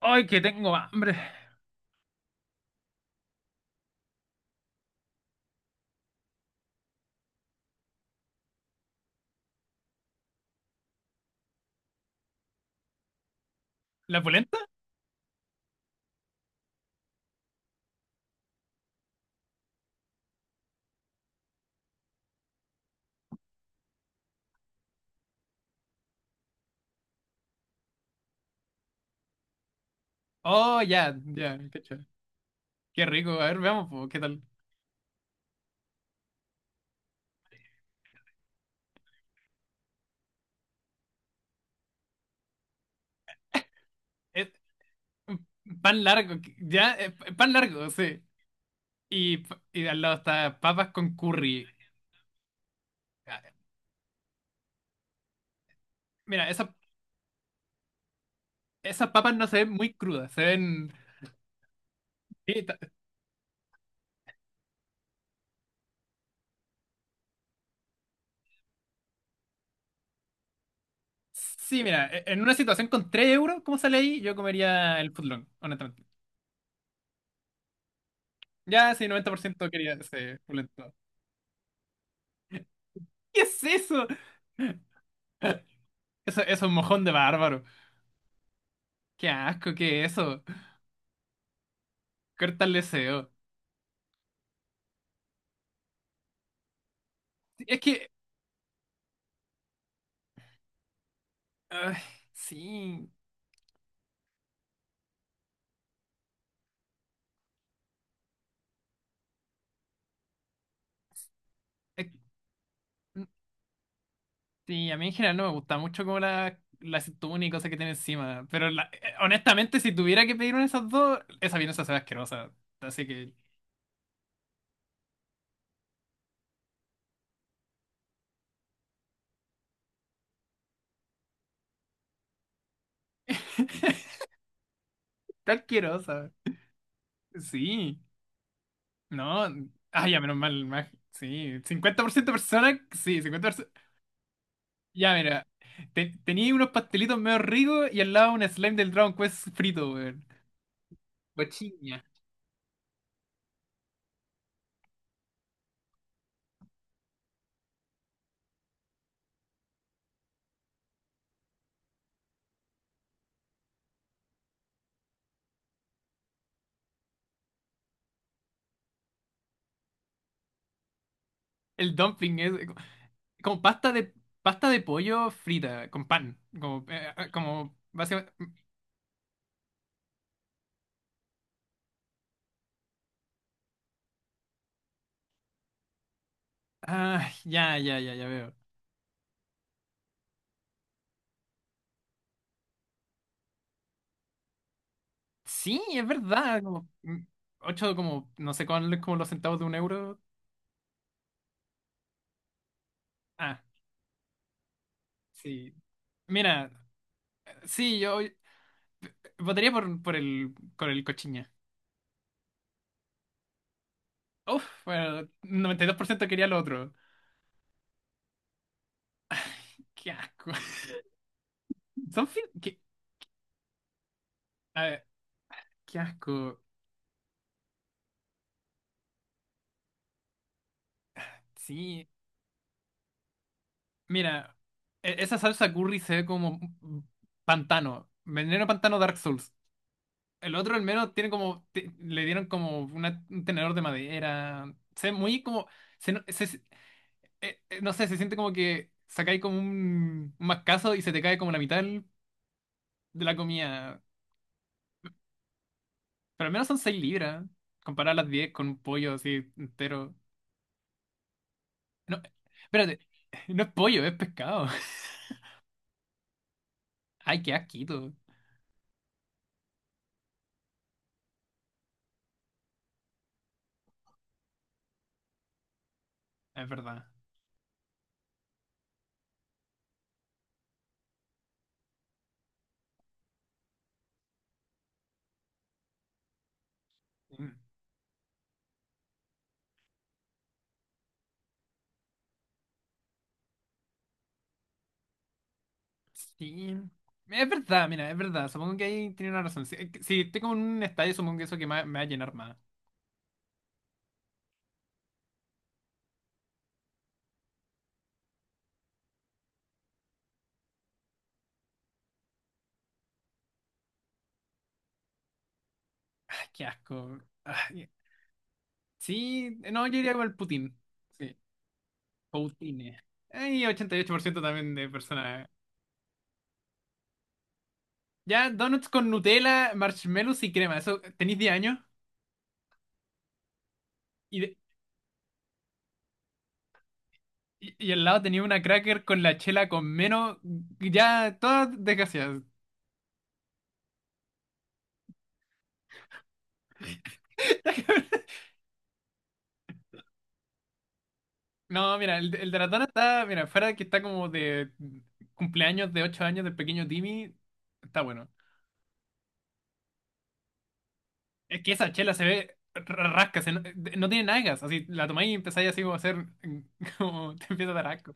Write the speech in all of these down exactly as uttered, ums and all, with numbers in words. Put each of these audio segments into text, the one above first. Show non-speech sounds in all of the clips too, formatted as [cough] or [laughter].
¡Ay, que tengo hambre! ¿La polenta? Oh, ya, ya, cacho. Qué rico. A ver, veamos, po, ¿qué tal? Es pan largo, que- ya, eh, pan largo, sí. Y, pa- y al lado está papas con curry. Ah, Mira, esas, esas, papas no se ven muy crudas, se ven. Sí, ta- sí, mira, e- en una situación con tres euros, ¿cómo sale ahí? Yo comería el footlong, honestamente. Ya, sí, noventa por ciento quería ese polenta. ¿Qué es eso? [laughs] Eso, eso es un mojón de bárbaro. Qué asco, ¿qué es eso? Corta el deseo. Es que, ah, sí, es- sí, a mí en general no me gusta mucho como la, la aceituna y cosas que tiene encima, pero la- eh, honestamente, si tuviera que pedir una de esas dos, esa vienesa se ve asquerosa, así que. [laughs] Está asquerosa, sí, no, ah, ya menos mal, más, sí, cincuenta por ciento personas, sí, cincuenta por ciento. Ya mira, te- tenía unos pastelitos medio ricos y al lado un slime del Dragon Quest frito, weón. Cochiña. El dumping es como pasta de pasta de pollo frita con pan, como eh, eh, como básicamente, ah, ya, ya, ya, ya veo. Sí, es verdad, como mm, ocho, como no sé cuál, como los centavos de un euro. Ah, sí. Mira, sí, yo votaría por por el por el cochiña. Uf, bueno, noventa y dos por ciento quería lo otro. Qué asco. [laughs] Son fin- qué, a ver, qué asco. Sí. Mira, e- esa salsa curry se ve como pantano. Veneno pantano Dark Souls. El otro al menos tiene como, te- le dieron como una- un tenedor de madera. Se ve muy como. Se, no se- se- eh, eh, No sé, se siente como que sacáis como un, un mascazo y se te cae como la mitad del- de la comida. Pero al menos son seis libras. Comparar las diez con un pollo así entero. No, espérate. No es pollo, es pescado. [laughs] Ay, qué asquito. Es verdad. Sí. Es verdad, mira, es verdad. Supongo que ahí tiene una razón. Si, si estoy como en un estadio, supongo que eso que me, me va a llenar más. Ay, qué asco. Ay, sí, no, yo iría con el Putin. Sí, Poutine. Ay, ochenta y ocho por ciento también de personas. Ya, donuts con Nutella, marshmallows y crema. Eso, tenéis diez años. Y, de- y, y al lado tenía una cracker con la chela con menos. Ya, todas desgraciadas. [laughs] No, mira, el, el de la Tana está, mira, fuera de que está como de cumpleaños de ocho años del pequeño Timmy, está bueno. Es que esa chela se ve ra- rasca, se no, de- no tiene nada de gas, así la tomáis y empezáis así como a hacer, [laughs] como te empieza a dar asco.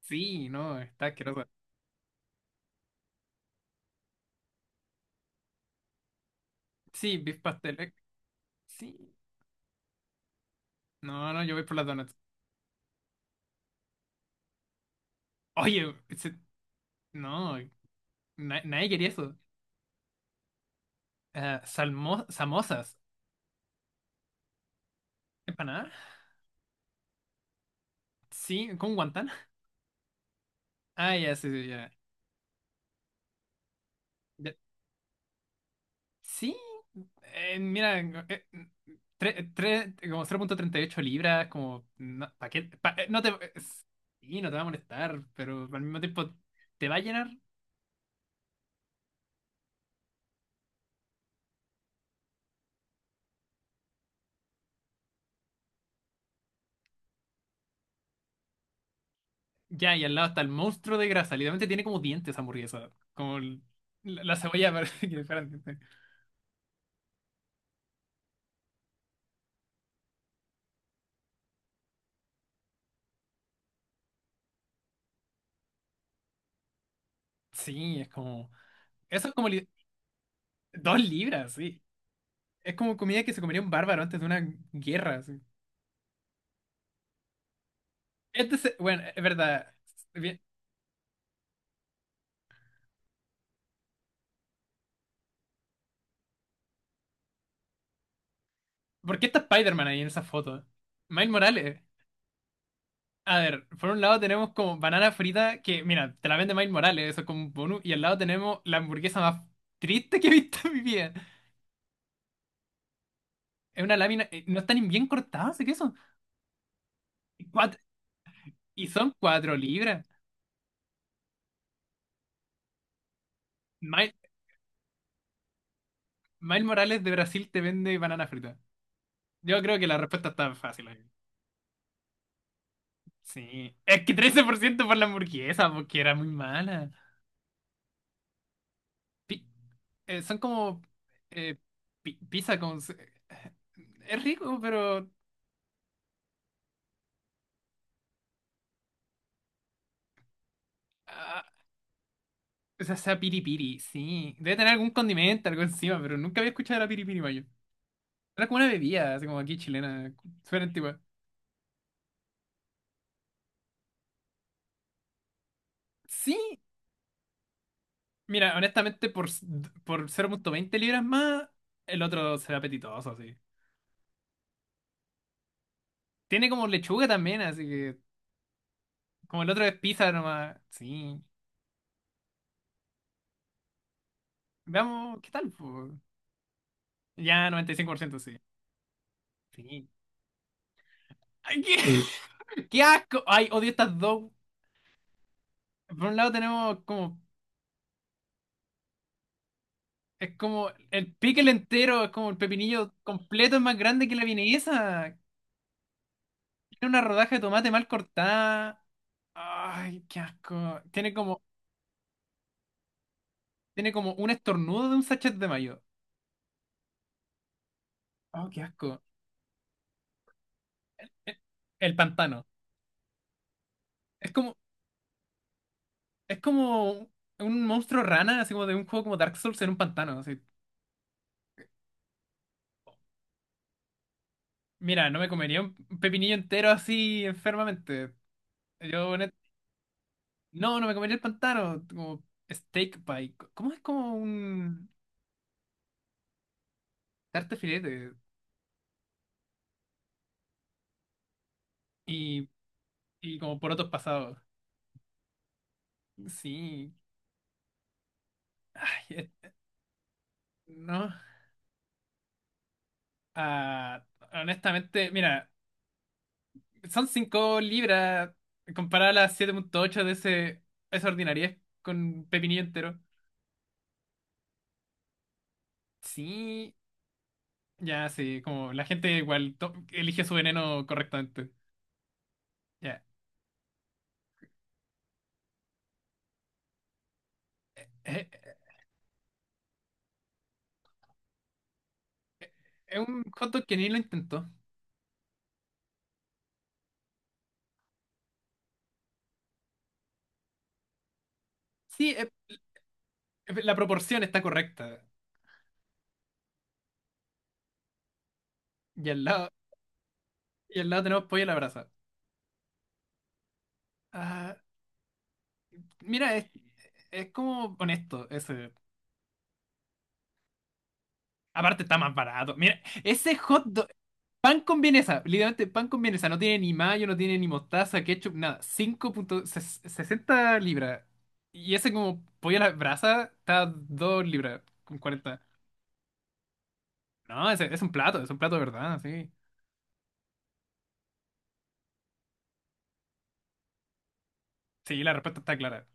Sí, no, está asquerosa. Sí, beef pastel, eh, sí. No, no, yo voy por las donuts. Oye, ese- no, na- nadie quería eso. Ah, salmo- samosas, empanada, sí, con guantán. Ah, ya, sí, sí, ya. Sí, eh, mira, eh, tre- tre- como cero punto treinta y ocho libras, como, no, ¿pa' qué? Pa- eh, no te, es- sí, no te va a molestar, pero al mismo tiempo te va a llenar. Ya, y al lado está el monstruo de grasa, literalmente tiene como dientes esa hamburguesa, como el- la, la cebolla [laughs] parece que le fueran dientes. Sí, es como, eso es como li- dos libras, sí. Es como comida que se comería un bárbaro antes de una guerra, sí. Este, se- bueno, es verdad, bien- ¿por qué está Spider-Man ahí en esa foto? Miles Morales. A ver, por un lado tenemos como banana frita, que mira, te la vende Miles Morales, eso es como un bonus, y al lado tenemos la hamburguesa más triste que he visto en mi vida. Es una lámina, eh, no están ni bien cortadas ese queso. Y, cuat- y son cuatro libras. Miles, Miles Morales de Brasil te vende banana frita. Yo creo que la respuesta está fácil ahí. Sí. Es que trece por ciento por la hamburguesa, porque era muy mala. Pi- eh, Son como eh, pi- pizza con eh, es rico, pero, ah, esa sea piripiri, sí. Debe tener algún condimento, algo encima, pero nunca había escuchado la piripiri mayo. Era como una bebida, así como aquí chilena, súper antigua. Sí, mira, honestamente, por, s- por cero punto veinte libras más, el otro se ve apetitoso, así. Tiene como lechuga también, así que como el otro es pizza nomás. Sí. Veamos, ¿qué tal, po? Ya, noventa y cinco por ciento, sí. Sí. Ay, qué. [laughs] Mm. Qué asco. Ay, odio estas dos. Por un lado tenemos como, es como el pickle entero, es como el pepinillo completo, es más grande que la vienesa. Tiene una rodaja de tomate mal cortada. Ay, qué asco. Tiene como, tiene como un estornudo de un sachet de mayo. Oh, qué asco. El pantano. Es como, es como un monstruo rana, así como de un juego como Dark Souls en un pantano. Así. Mira, no me comería un pepinillo entero así enfermamente. Yo, honet- no, no me comería el pantano. Como steak pie. ¿Cómo es como un tarte filete? Y Y como por otros pasados. Sí. Ay, es- no. Ah, honestamente, mira, son cinco libras comparada a las siete punto ocho de ese, esa ordinariedad con pepinillo entero. Sí, ya, sí, como la gente igual to- elige su veneno correctamente. Ya. Es, es un hot dog que ni lo intentó. Sí, es- es- la proporción está correcta. Y al lado, y al lado tenemos pollo a la brasa. Ah, mira, es, es como honesto ese. Aparte está más barato. Mira, ese hot dog, pan con vienesa, literalmente pan con vienesa, no tiene ni mayo, no tiene ni mostaza, ketchup, nada. Cinco punto sesenta libras. Y ese como pollo a la brasa está dos libras con cuarenta. No, ese es un plato, es un plato de verdad, sí. Sí, la respuesta está clara.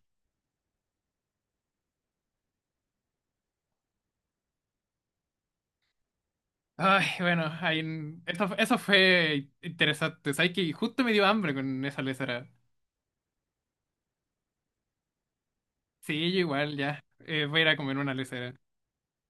Ay, bueno, ahí, en- esto- eso fue interesante. Sabes que justo me dio hambre con esa lesera. Sí, yo igual, ya. Eh, voy a ir a comer una lesera.